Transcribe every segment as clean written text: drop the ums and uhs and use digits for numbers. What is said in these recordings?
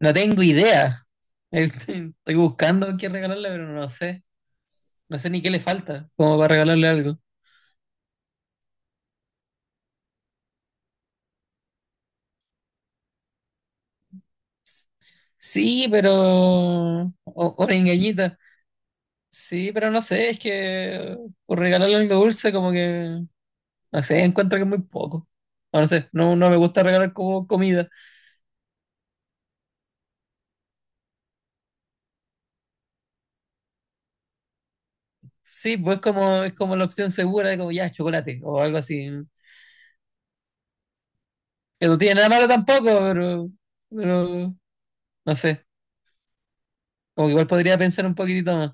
No tengo idea. Estoy buscando qué regalarle, pero no sé. No sé ni qué le falta, como para regalarle algo. Sí, pero... O una engañita. Sí, pero no sé, es que por regalarle algo dulce como que... No sé, encuentro que es muy poco. O no sé, no, no me gusta regalar como comida. Sí, pues como, es como la opción segura de como ya, chocolate o algo así. Que no tiene nada malo tampoco, pero... Pero... No sé, como que igual podría pensar un poquitito más.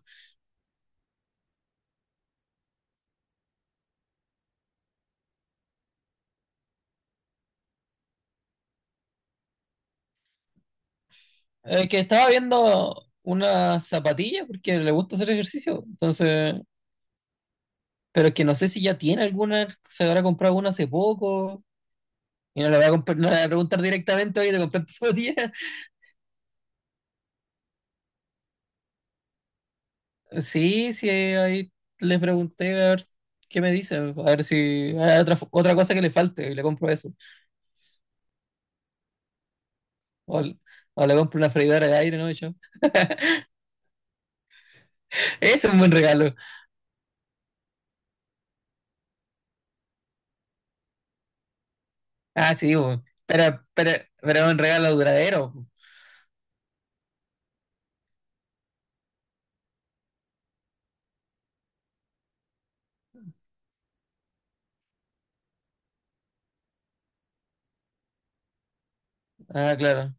Que estaba viendo una zapatilla porque le gusta hacer ejercicio. Entonces, pero es que no sé si ya tiene alguna, se habrá comprado una hace poco. Y no le voy a, no le voy a preguntar directamente, oye, ¿te compraste zapatilla? Sí, sí, ahí le pregunté a ver qué me dice, a ver si hay otra cosa que le falte y le compro eso. O, o le compro una freidora de aire, ¿no? Y yo, ese es un buen regalo. Ah, sí, bueno. Pero es un regalo duradero. Ah, claro.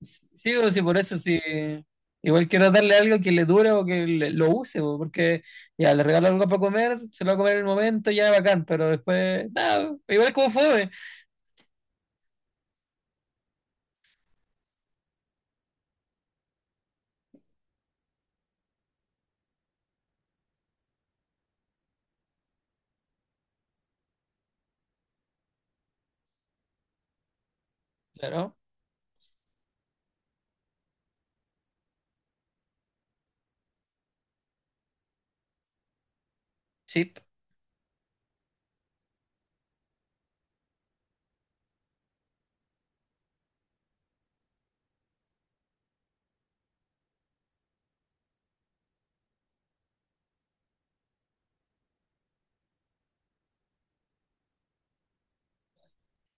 Sí, sí, o sí, por eso sí. Igual quiero darle algo que le dure o que lo use, po, porque ya le regalo algo para comer, se lo va a comer en el momento, ya bacán, pero después, nada, igual es como fue claro, chip.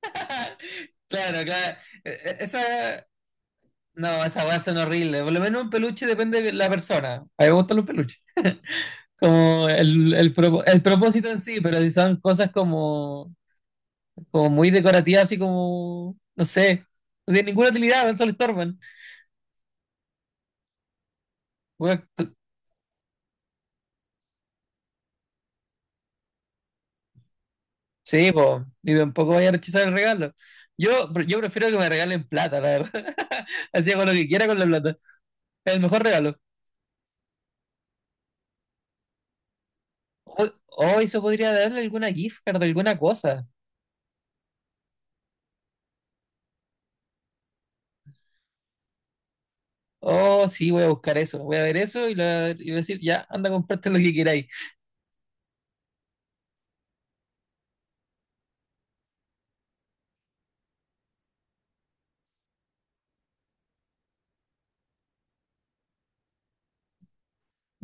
Claro, claro. Esa, no, esa weas son horribles. Por lo menos un peluche depende de la persona. A mí me gustan los peluches. Como el propósito en sí, pero si son cosas como, como muy decorativas, así como, no sé, no tienen ninguna utilidad, solo estorban. Weá, sí, po, y tampoco vaya a rechazar el regalo. Yo, yo prefiero que me regalen plata, la verdad. Así hago lo que quiera con la plata. Es el mejor regalo. O, o eso podría darle alguna gift card, alguna cosa. Oh, sí, voy a buscar eso. Voy a ver eso y, y voy a decir, ya, anda a comprarte lo que queráis.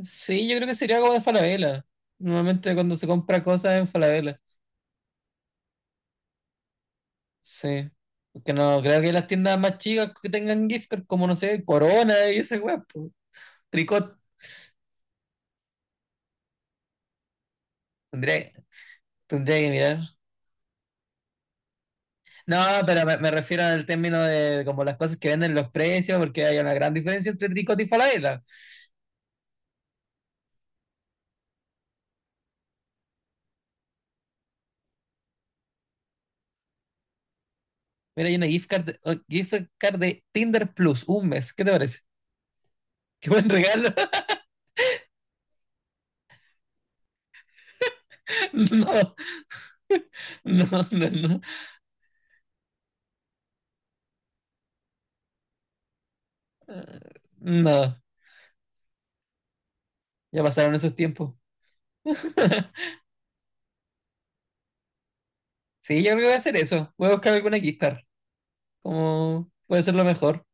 Sí, yo creo que sería algo de Falabella. Normalmente cuando se compra cosas en Falabella. Sí. Porque no, creo que las tiendas más chicas que tengan gift card, como no sé, Corona y esa weá, po. Tricot. Tendría, tendría que mirar. No, pero me refiero al término de como las cosas que venden los precios, porque hay una gran diferencia entre Tricot y Falabella. Mira, hay una gift card, gift card de Tinder Plus, un mes. ¿Qué te parece? ¿Qué buen regalo? No, no, no, no. Eh, No, ya pasaron esos tiempos. Sí, yo creo que voy a hacer eso. Voy a buscar alguna gift card. Como puede ser lo mejor.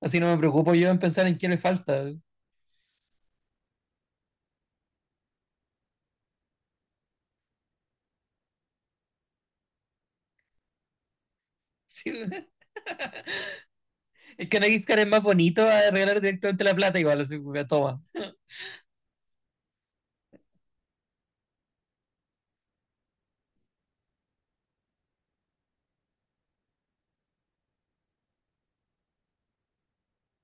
Así no me preocupo yo en pensar en qué le falta. Sí, es que una gift card es más bonito a regalar directamente la plata igual, así que toma.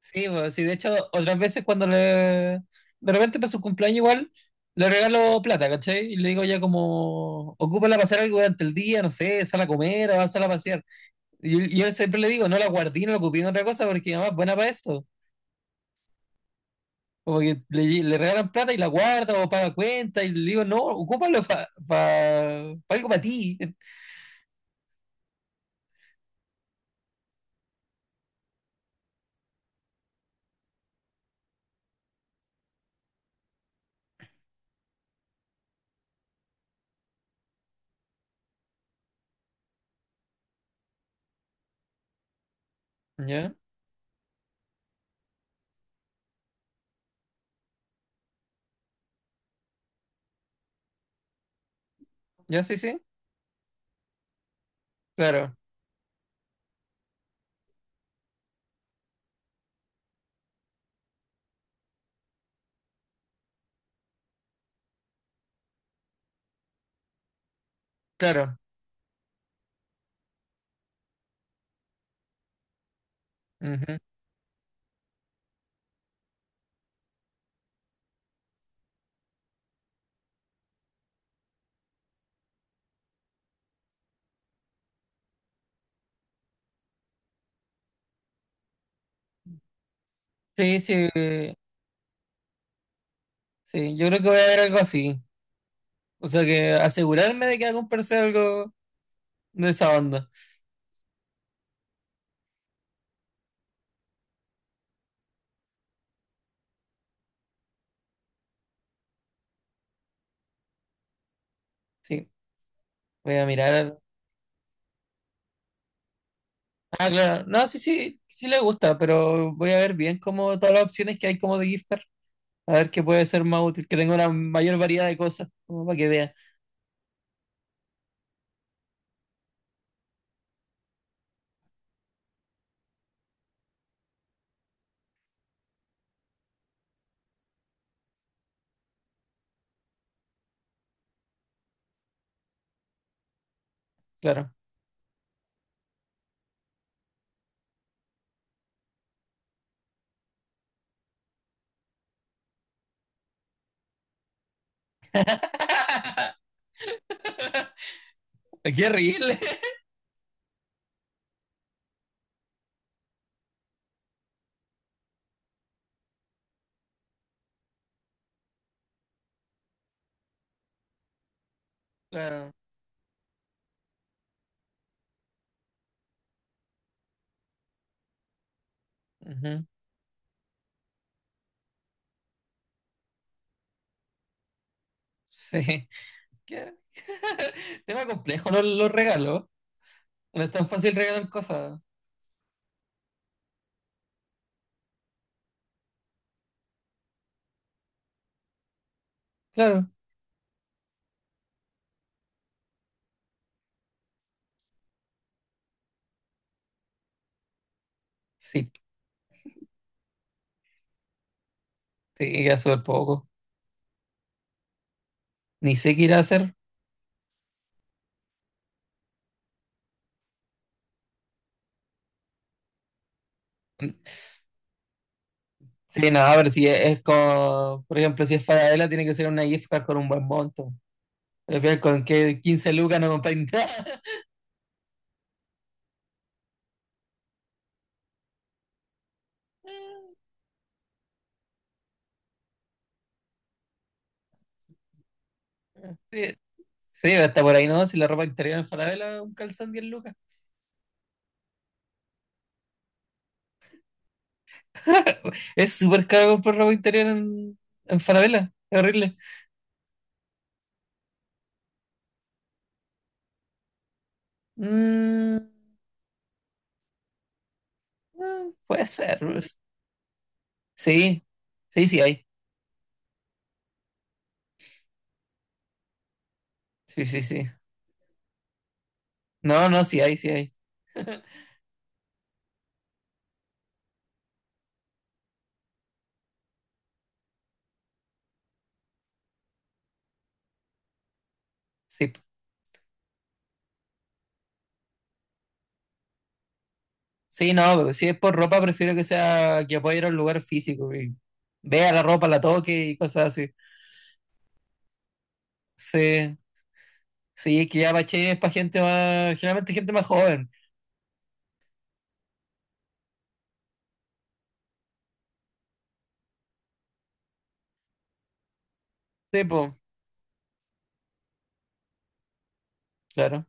Sí, pues, sí, de hecho, otras veces cuando le... De repente para su cumpleaños igual, le regalo plata, ¿cachai? Y le digo ya como, ocúpala para hacer algo durante el día, no sé, sal a comer o sal a pasear. Y yo, siempre le digo, no la guardé, no la ocupé en otra cosa porque mi mamá es buena para eso. Como que le regalan plata y la guarda o paga cuenta y le digo, no, ocúpalo para algo para ti. ¿Ya? ¿Ya? Sí, sí. Claro, claro. Ujú. Sí, sí, sí. Yo creo que voy a ver algo así. O sea que asegurarme de que va a comprarse algo de esa banda. Sí, voy a mirar. Ah, claro. No, sí, sí, sí le gusta, pero voy a ver bien como todas las opciones que hay como de gift card. A ver qué puede ser más útil, que tenga una mayor variedad de cosas, como para que vea, claro. ¡Qué horrible! Claro. Ujú, sí. Qué... tema complejo los regalos. No es tan fácil regalar cosas. Claro. Sí, sí, queda súper poco. Ni sé qué ir a hacer. Sí, no, pero si es, es con, por ejemplo, si es Falabella, tiene que ser una gift card con un buen monto. Al final, con que 15 lucas no compráis nada. Sí, sí, hasta por ahí no, si la ropa interior en Falabella, un calzón 10 lucas. Es súper caro comprar ropa interior en Falabella, es horrible. Mm, mm, puede ser, pues. Sí, sí, sí hay. Sí, sí, sí. No, no, sí hay, sí hay. Sí. Sí, no, si es por ropa, prefiero que sea que pueda ir a un lugar físico y vea la ropa, la toque y cosas así. Sí, sí, es que ya Bache es para gente más, generalmente gente más joven. Sí, pues, claro.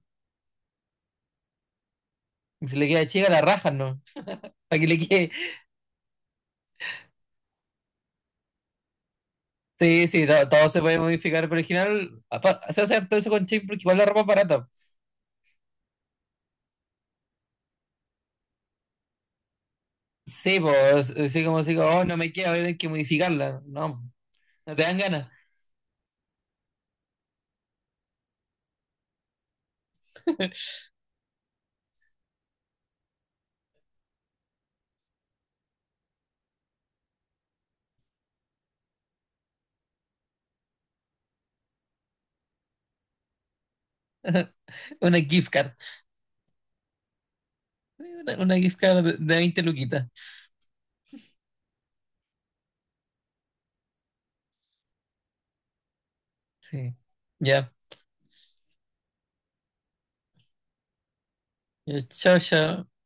Y si le queda chica, la rajan, ¿no? Para que le quede. Sí, sí, todo, se puede modificar, pero al final se hace todo eso con chip porque igual la ropa es barata. Sí, pues, así como si, oh, no me queda, voy a tener que modificarla. No, no te dan ganas. Una gift card. Sí, una gift card de 20 luquitas. Sí. Ya. Ya está bien.